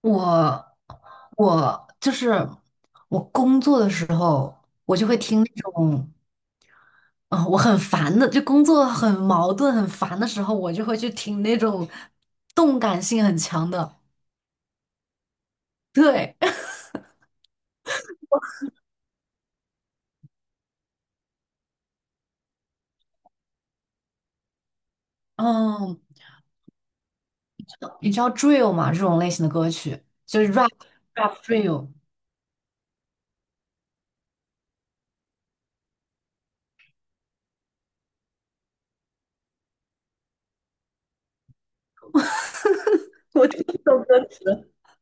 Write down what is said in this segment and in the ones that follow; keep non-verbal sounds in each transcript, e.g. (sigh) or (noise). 我我就是我工作的时候，我就会听那种，我很烦的，就工作很矛盾、很烦的时候，我就会去听那种动感性很强的。对，(laughs) 嗯，你知道 drill 吗？这种类型的歌曲就是 rap drill。 (laughs)。我听不懂歌词。(laughs)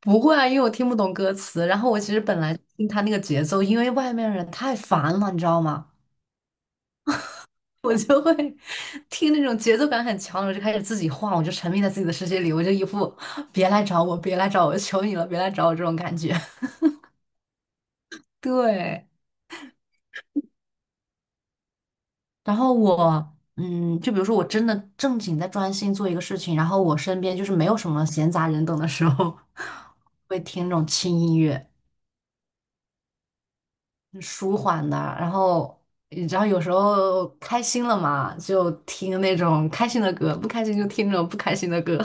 不会啊，因为我听不懂歌词。然后我其实本来听他那个节奏，因为外面人太烦了，你知道吗？我就会听那种节奏感很强的，我就开始自己晃，我就沉迷在自己的世界里，我就一副别来找我，别来找我，求你了，别来找我这种感觉。(laughs) 对，然后我，嗯，就比如说我真的正经在专心做一个事情，然后我身边就是没有什么闲杂人等的时候，(laughs) 会听那种轻音乐，舒缓的，然后。你知道，有时候开心了嘛，就听那种开心的歌；不开心就听那种不开心的歌。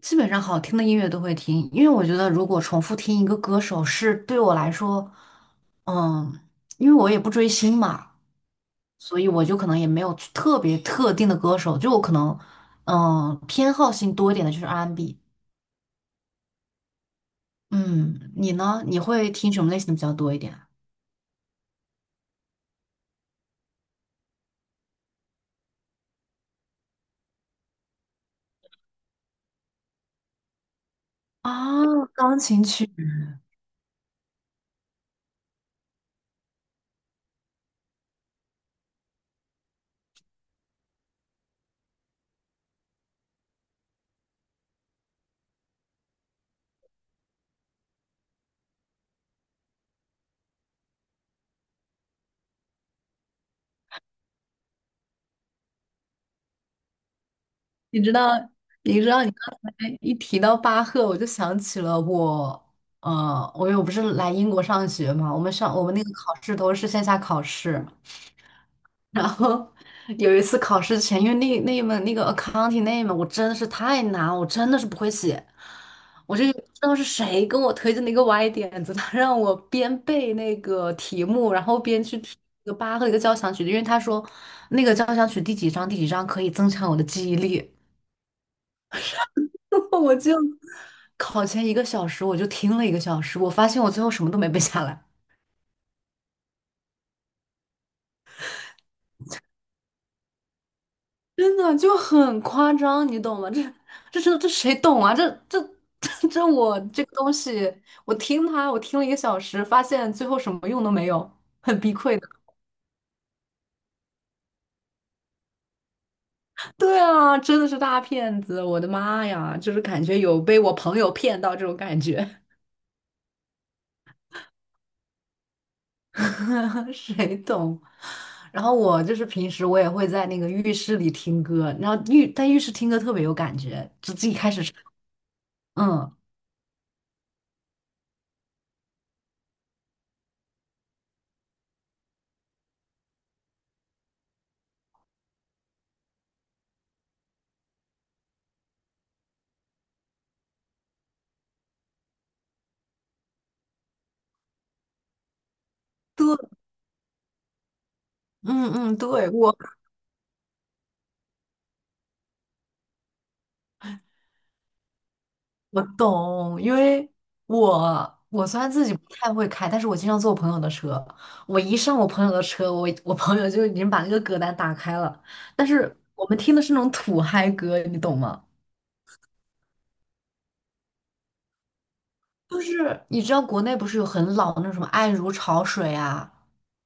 基本上好听的音乐都会听，因为我觉得如果重复听一个歌手是对我来说，嗯，因为我也不追星嘛，所以我就可能也没有特别特定的歌手，就我可能，嗯，偏好性多一点的就是 R&B。嗯，你呢？你会听什么类型的比较多一点啊？钢琴曲，你知道，你知道你刚才一提到巴赫，我就想起了我。我又不是来英国上学嘛，我们那个考试都是线下考试，然后有一次考试前，因为那一门那个 accounting 那一门我真的是太难，我真的是不会写，我就不知道是谁跟我推荐的一个歪点子，他让我边背那个题目，然后边去听一个八和一个交响曲，因为他说那个交响曲第几章第几章可以增强我的记忆力。(laughs) 我就考前一个小时我就听了一个小时，我发现我最后什么都没背下来。真的就很夸张，你懂吗？这谁懂啊？(laughs) 这我这个东西，我听它，我听了一个小时，发现最后什么用都没有，很崩溃的。(laughs) 对啊，真的是大骗子！我的妈呀，就是感觉有被我朋友骗到这种感觉。(laughs) 谁懂？然后我就是平时我也会在那个浴室里听歌，然后在浴室听歌特别有感觉，就自己开始唱，嗯。对，嗯嗯，对，我懂，因为我我虽然自己不太会开，但是我经常坐我朋友的车。我一上我朋友的车，我朋友就已经把那个歌单打开了。但是我们听的是那种土嗨歌，你懂吗？就是你知道国内不是有很老的那种什么《爱如潮水》啊，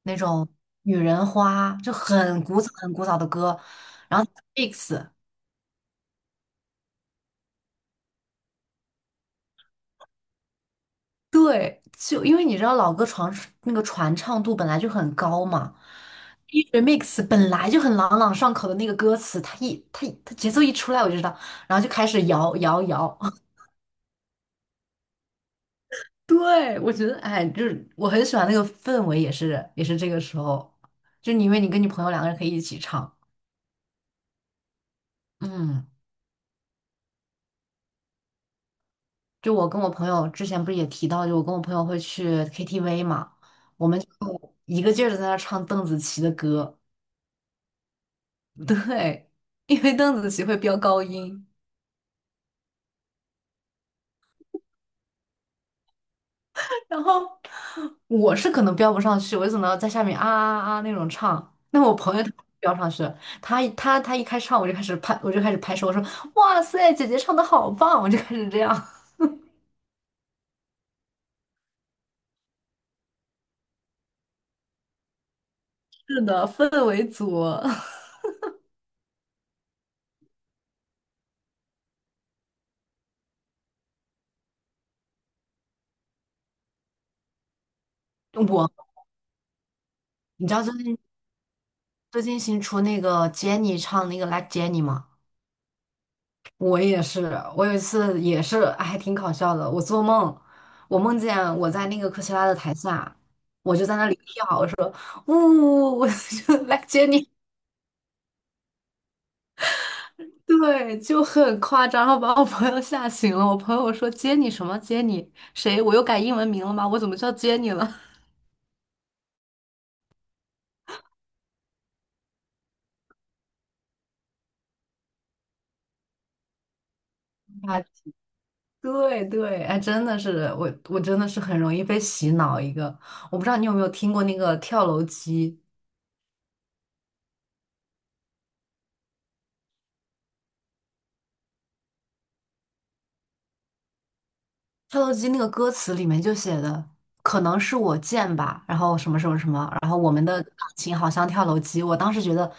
那种《女人花》，就很古早的歌，然后 mix。对，就因为你知道老歌传那个传唱度本来就很高嘛，一 remix 本来就很朗朗上口的那个歌词，它节奏一出来我就知道，然后就开始摇。(laughs) 对，我觉得哎，就是我很喜欢那个氛围，也是这个时候，因为你跟你朋友两个人可以一起唱，嗯，就我跟我朋友之前不是也提到，就我跟我朋友会去 KTV 嘛，我们就一个劲儿的在那唱邓紫棋的歌。(laughs) 对，因为邓紫棋会飙高音，然后我是可能飙不上去，我就只能在下面啊啊啊啊那种唱。那我朋友他飙上去了，他一开唱我就开始拍，我就开始拍手，我说哇塞，姐姐唱的好棒，我就开始这样。(laughs) 是的，氛围组。(laughs) 我，你知道最近新出那个 Jennie 唱那个 Like Jennie 吗？我也是，我有一次也是还挺搞笑的。我做梦，我梦见我在那个科切拉的台下，我就在那里跳，然后呜，我 (laughs) 就来接你，对，就很夸张，然后把我朋友吓醒了。我朋友说接你什么接你谁？我又改英文名了吗？我怎么叫接你了？啊，对，哎，真的是我，我真的是很容易被洗脑一个。我不知道你有没有听过那个跳楼机。跳楼机那个歌词里面就写的，可能是我贱吧，然后什么什么什么，然后我们的感情好像跳楼机。我当时觉得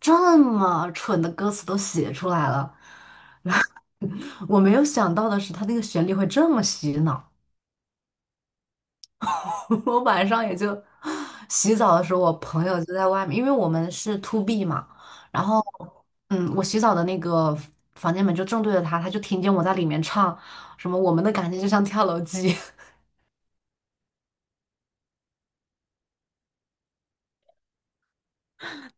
这么蠢的歌词都写出来了，我没有想到的是它那个旋律会这么洗脑。(laughs) 我晚上也就洗澡的时候，我朋友就在外面，因为我们是 to B 嘛，然后嗯，我洗澡的那个房间门就正对着他，他就听见我在里面唱什么我们的感情就像跳楼机。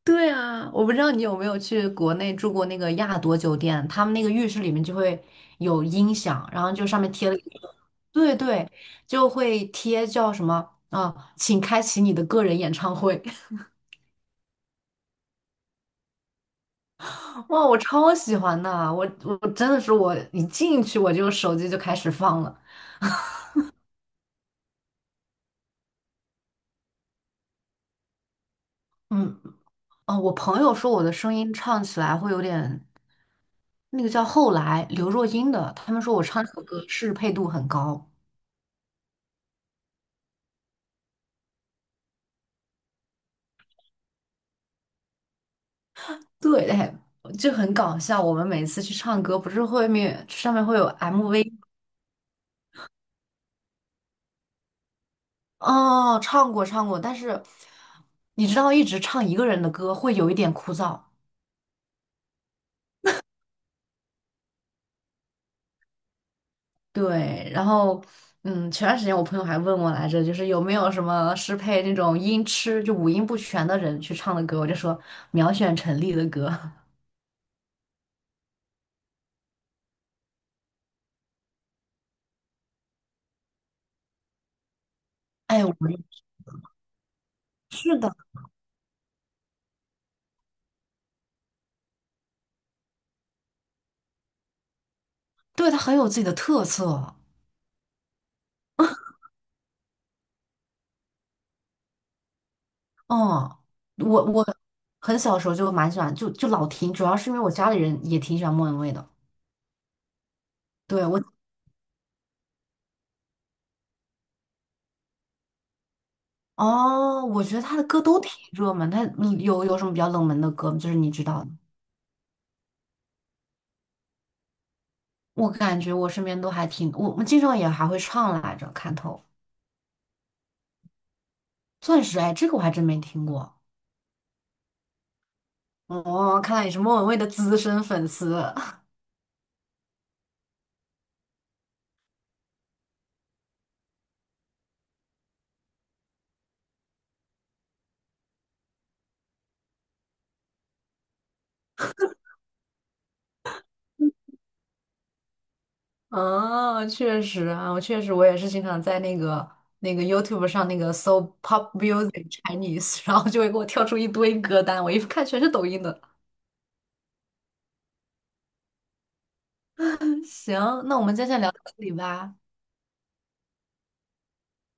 对啊，我不知道你有没有去国内住过那个亚朵酒店，他们那个浴室里面就会有音响，然后就上面贴了一个，对，就会贴叫什么啊，请开启你的个人演唱会。(laughs) 哇，我超喜欢的啊，我真的是我一进去我就手机就开始放了。嗯，哦，我朋友说我的声音唱起来会有点那个叫后来刘若英的，他们说我唱这首歌适配度很高。对，哎，就很搞笑。我们每次去唱歌，不是后面上面会有 MV 哦，唱过，但是你知道，一直唱一个人的歌会有一点枯燥。对，然后嗯，前段时间我朋友还问我来着，就是有没有什么适配那种音痴，就五音不全的人去唱的歌，我就说秒选陈粒的歌。(laughs) 哎，我是的，对，他很有自己的特色。哦，我很小时候就蛮喜欢，就老听，主要是因为我家里人也挺喜欢莫文蔚的。对，我，哦，我觉得他的歌都挺热门，他有有什么比较冷门的歌吗？就是你知道的。我感觉我身边都还挺，我们经常也还会唱来着，看透钻石，哎，这个我还真没听过。哦，看来你是莫文蔚的资深粉丝。哦，确实啊，我确实我也是经常在那个YouTube 上那个搜 Pop Music Chinese,然后就会给我跳出一堆歌单，我一看全是抖音的。行，那我们今天先聊到这里吧，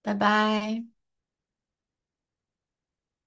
拜拜。